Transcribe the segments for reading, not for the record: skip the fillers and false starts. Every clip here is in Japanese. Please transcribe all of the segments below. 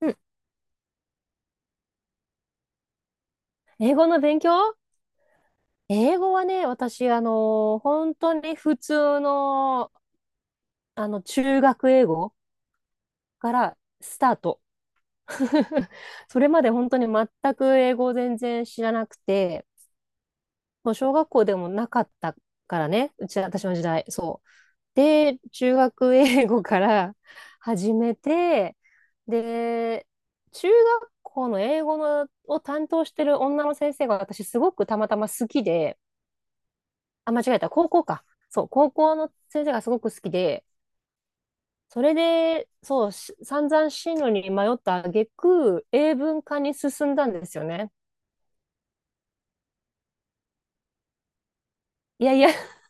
うん。英語の勉強。英語はね、私、本当に普通の、中学英語からスタート。それまで本当に全く英語を全然知らなくて、もう小学校でもなかったからね、うち、私の時代、そう。で、中学英語から始めて、で、中学校の英語のを担当してる女の先生が私すごくたまたま好きで、あ、間違えた。高校か。そう、高校の先生がすごく好きで、それで、そう、散々進路に迷った挙句、英文科に進んだんですよね。いやいや、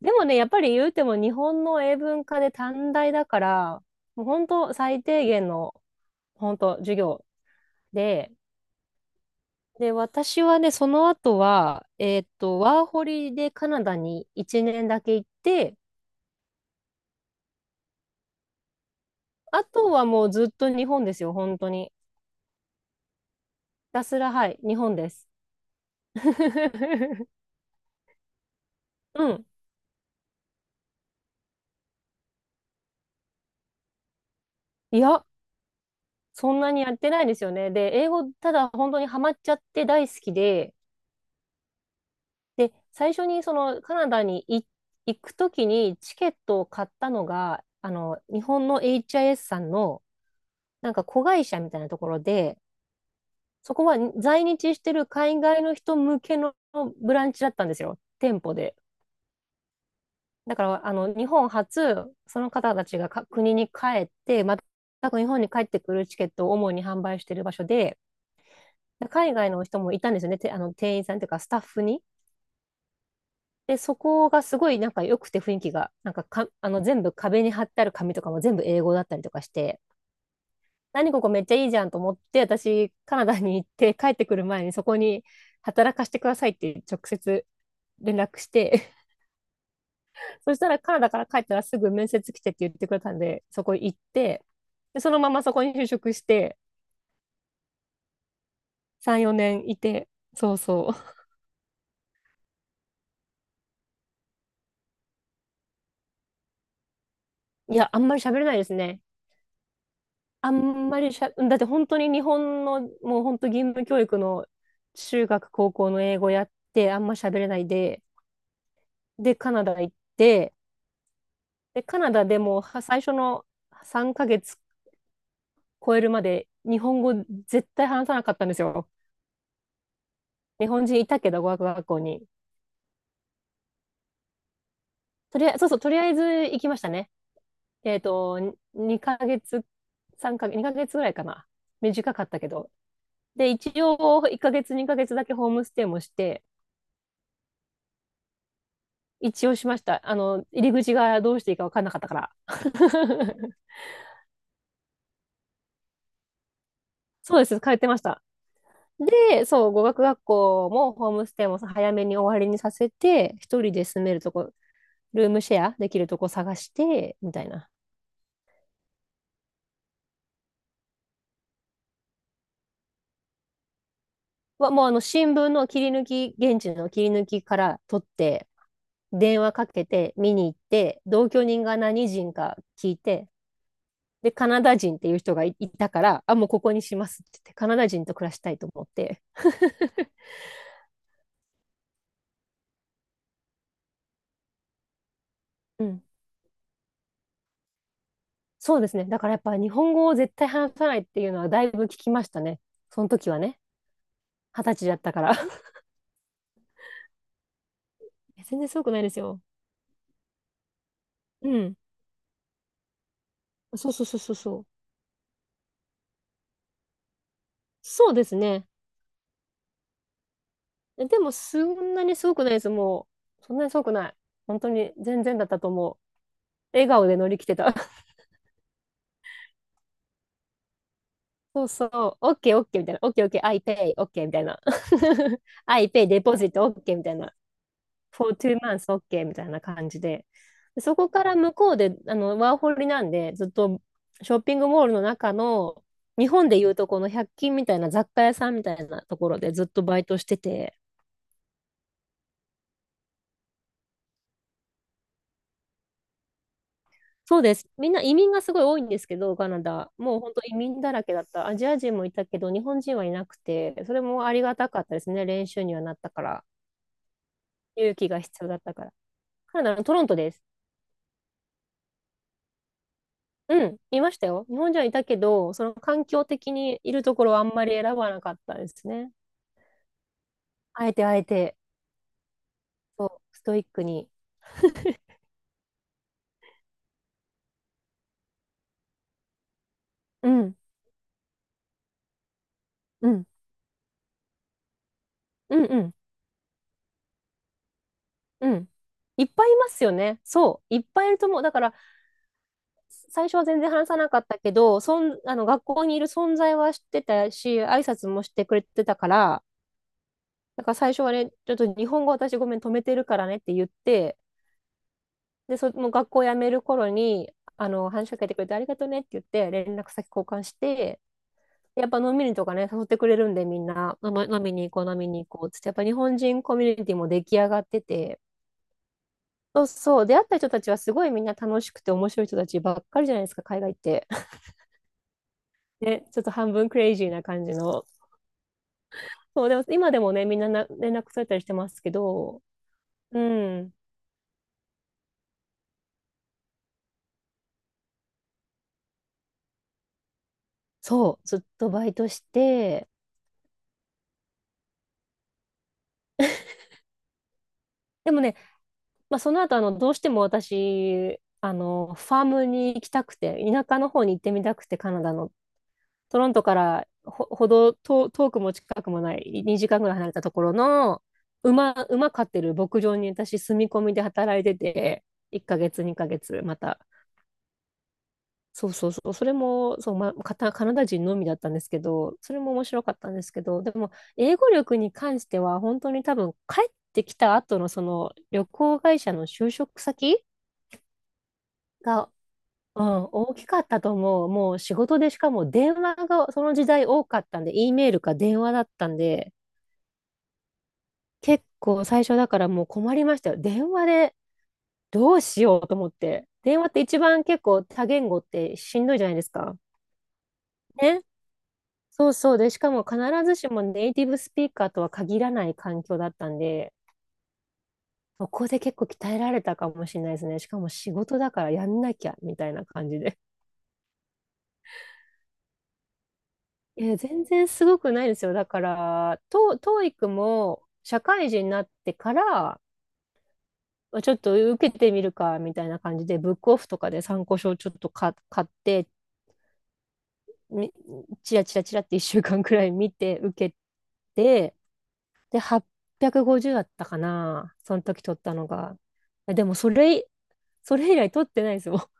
でもね、やっぱり言うても日本の英文科で短大だから、もう本当最低限の、本当授業で、で、私はね、その後は、ワーホリでカナダに1年だけ行って、あとはもうずっと日本ですよ、本当に。ひたすら、はい、日本です。うん。いや、そんなにやってないですよね。で、英語、ただ本当にハマっちゃって大好きで、で、最初にそのカナダに行くときにチケットを買ったのが、日本の HIS さんのなんか子会社みたいなところで、そこは在日してる海外の人向けのブランチだったんですよ、店舗で。だから、日本初、その方たちがか国に帰って、また日本に帰ってくるチケットを主に販売してる場所で、海外の人もいたんですよね。てあの、店員さんというかスタッフに。で、そこがすごいなんか良くて雰囲気が、なんか、全部壁に貼ってある紙とかも全部英語だったりとかして、何ここめっちゃいいじゃんと思って、私、カナダに行って帰ってくる前にそこに働かせてくださいって直接連絡して、そしたらカナダから帰ったらすぐ面接来てって言ってくれたんで、そこ行って、で、そのままそこに就職して、3、4年いて、そうそう。いや、あんまり喋れないですね。あんまりしゃ、だって本当に日本の、もう本当義務教育の中学、高校の英語やって、あんま喋れないで、で、カナダ行って、で、カナダでもは最初の3ヶ月超えるまで日本語絶対話さなかったんですよ。日本人いたけど、語学学校に。とりあえず、そうそう、とりあえず行きましたね。えっと、2ヶ月、3ヶ月、2ヶ月ぐらいかな。短かったけど。で、一応、1ヶ月、2ヶ月だけホームステイもして、一応しました。入り口がどうしていいか分かんなかったから。そうです、通ってました。で、そう、語学学校もホームステイも早めに終わりにさせて、一人で住めるとこ、ルームシェアできるとこ探して、みたいな。はもう新聞の切り抜き、現地の切り抜きから取って、電話かけて、見に行って、同居人が何人か聞いて、で、カナダ人っていう人がいいたから、あ、もうここにしますって言って、カナダ人と暮らしたいと思って。うん。そうですね。だからやっぱり日本語を絶対話さないっていうのはだいぶ聞きましたね。その時はね。二十歳だったから。全然すごくないですよ。うん。そうそうそうそうそう。そうですね。え、でもそんなにすごくないです。もう、そんなにすごくない。本当に全然だったと思う。笑顔で乗り切ってた。そうそう。オッケーオッケーみたいな。オッケーオッケー。I pay。オッケーみたいな。I pay デポジットオッケーみたいな。for two months OK みたいな感じで、そこから向こうで、ワーホリなんで、ずっとショッピングモールの中の、日本でいうとこの百均みたいな雑貨屋さんみたいなところでずっとバイトしてて、そうです。みんな移民がすごい多いんですけど、カナダ。もう本当移民だらけだった。アジア人もいたけど、日本人はいなくて、それもありがたかったですね。練習にはなったから。勇気が必要だったから。カナダのトロントです。うん、いましたよ。日本人はいたけど、その環境的にいるところはあんまり選ばなかったですね。あえてあえて、そう、ストイックに。うん、うん、うん、うん、うん。いっぱいいますよね。そう、いっぱいいると思う。だから、最初は全然話さなかったけど、学校にいる存在は知ってたし、挨拶もしてくれてたから、だから最初はね、ちょっと日本語私ごめん止めてるからねって言って、で、その学校辞める頃に、話しかけてくれてありがとうねって言って、連絡先交換して、やっぱ飲みにとかね、誘ってくれるんで、みんな、飲みに行こう、飲みに行こうっつって、やっぱ日本人コミュニティも出来上がってて、そうそう、出会った人たちはすごいみんな楽しくて面白い人たちばっかりじゃないですか、海外って。ね、ちょっと半分クレイジーな感じの。そう、でも今でもね、みんなな連絡されたりしてますけど、うん、そう、ずっとバイトして、でもね、まあ、その後どうしても私、ファームに行きたくて、田舎の方に行ってみたくて、カナダの。トロントからほど遠、遠くも近くもない、2時間ぐらい離れたところの、馬飼ってる牧場に私、住み込みで働いてて、1ヶ月、2ヶ月、また。そうそうそう、それも、そう、ま、カタカナダ人のみだったんですけど、それも面白かったんですけど、でも、英語力に関しては、本当に多分、帰ってきた後のその旅行会社の就職先がうん、大きかったと思う。もう仕事でしかも電話がその時代多かったんで、E メールか電話だったんで、結構最初だからもう困りましたよ。電話でどうしようと思って。電話って一番結構多言語ってしんどいじゃないですか。ね。そうそう。で、しかも必ずしもネイティブスピーカーとは限らない環境だったんで、そこで結構鍛えられたかもしれないですね。しかも仕事だからやんなきゃみたいな感じで。いや、全然すごくないですよ。だから、t o も社会人になってから、ちょっと受けてみるか、みたいな感じで、ブックオフとかで参考書をちょっと買って、みチラチラチラって1 週間くらい見て受けて、で、850だったかな、その時取ったのが。え、でも、それ以来取ってないですよ。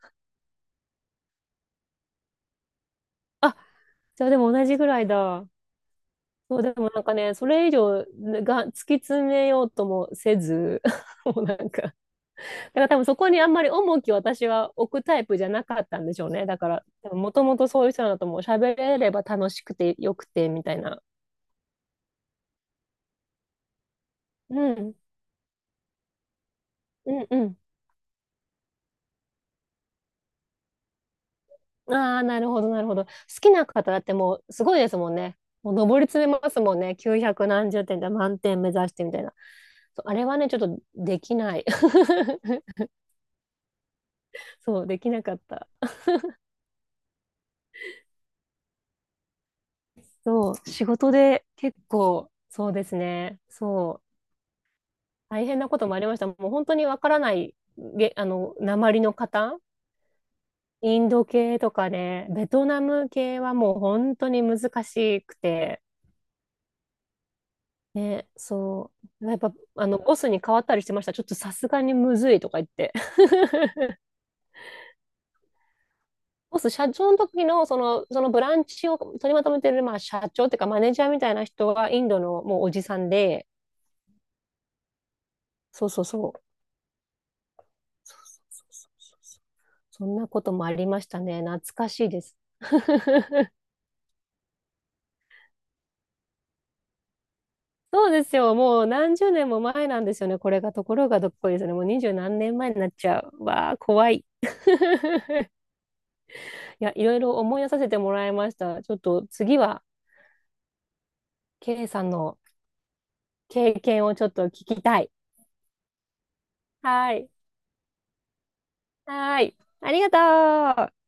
あ、じゃあでも同じぐらいだ。そう、でもなんかね、それ以上が突き詰めようともせず、もうなんかだから多分そこにあんまり重きを私は置くタイプじゃなかったんでしょうね。だからもともとそういう人だともう喋れれば楽しくてよくてみたいな。うん。うんうん。ああ、なるほどなるほど。好きな方だってもうすごいですもんね。もう上り詰めますもんね。900何十点で満点目指してみたいな。そうあれはね、ちょっとできない。そう、できなかった。そう、仕事で結構、そうですね。そう。大変なこともありました。もう本当にわからない、鉛の方、インド系とかね、ベトナム系はもう本当に難しくて、ね、そう。やっぱ、ボスに変わったりしてました。ちょっとさすがにむずいとか言って。ボス、社長の時の、そのブランチを取りまとめてる、まあ、社長っていうか、マネージャーみたいな人は、インドのもうおじさんで、そうそうそう。そうそうそうそうそう。そんなこともありましたね。懐かしいです。そうですよ。もう何十年も前なんですよね。これがところがどっこいですね。もう二十何年前になっちゃう。わあ、怖い。いや、いろいろ思い出させてもらいました。ちょっと次は、ケイさんの経験をちょっと聞きたい。はい。はい。ありがとう。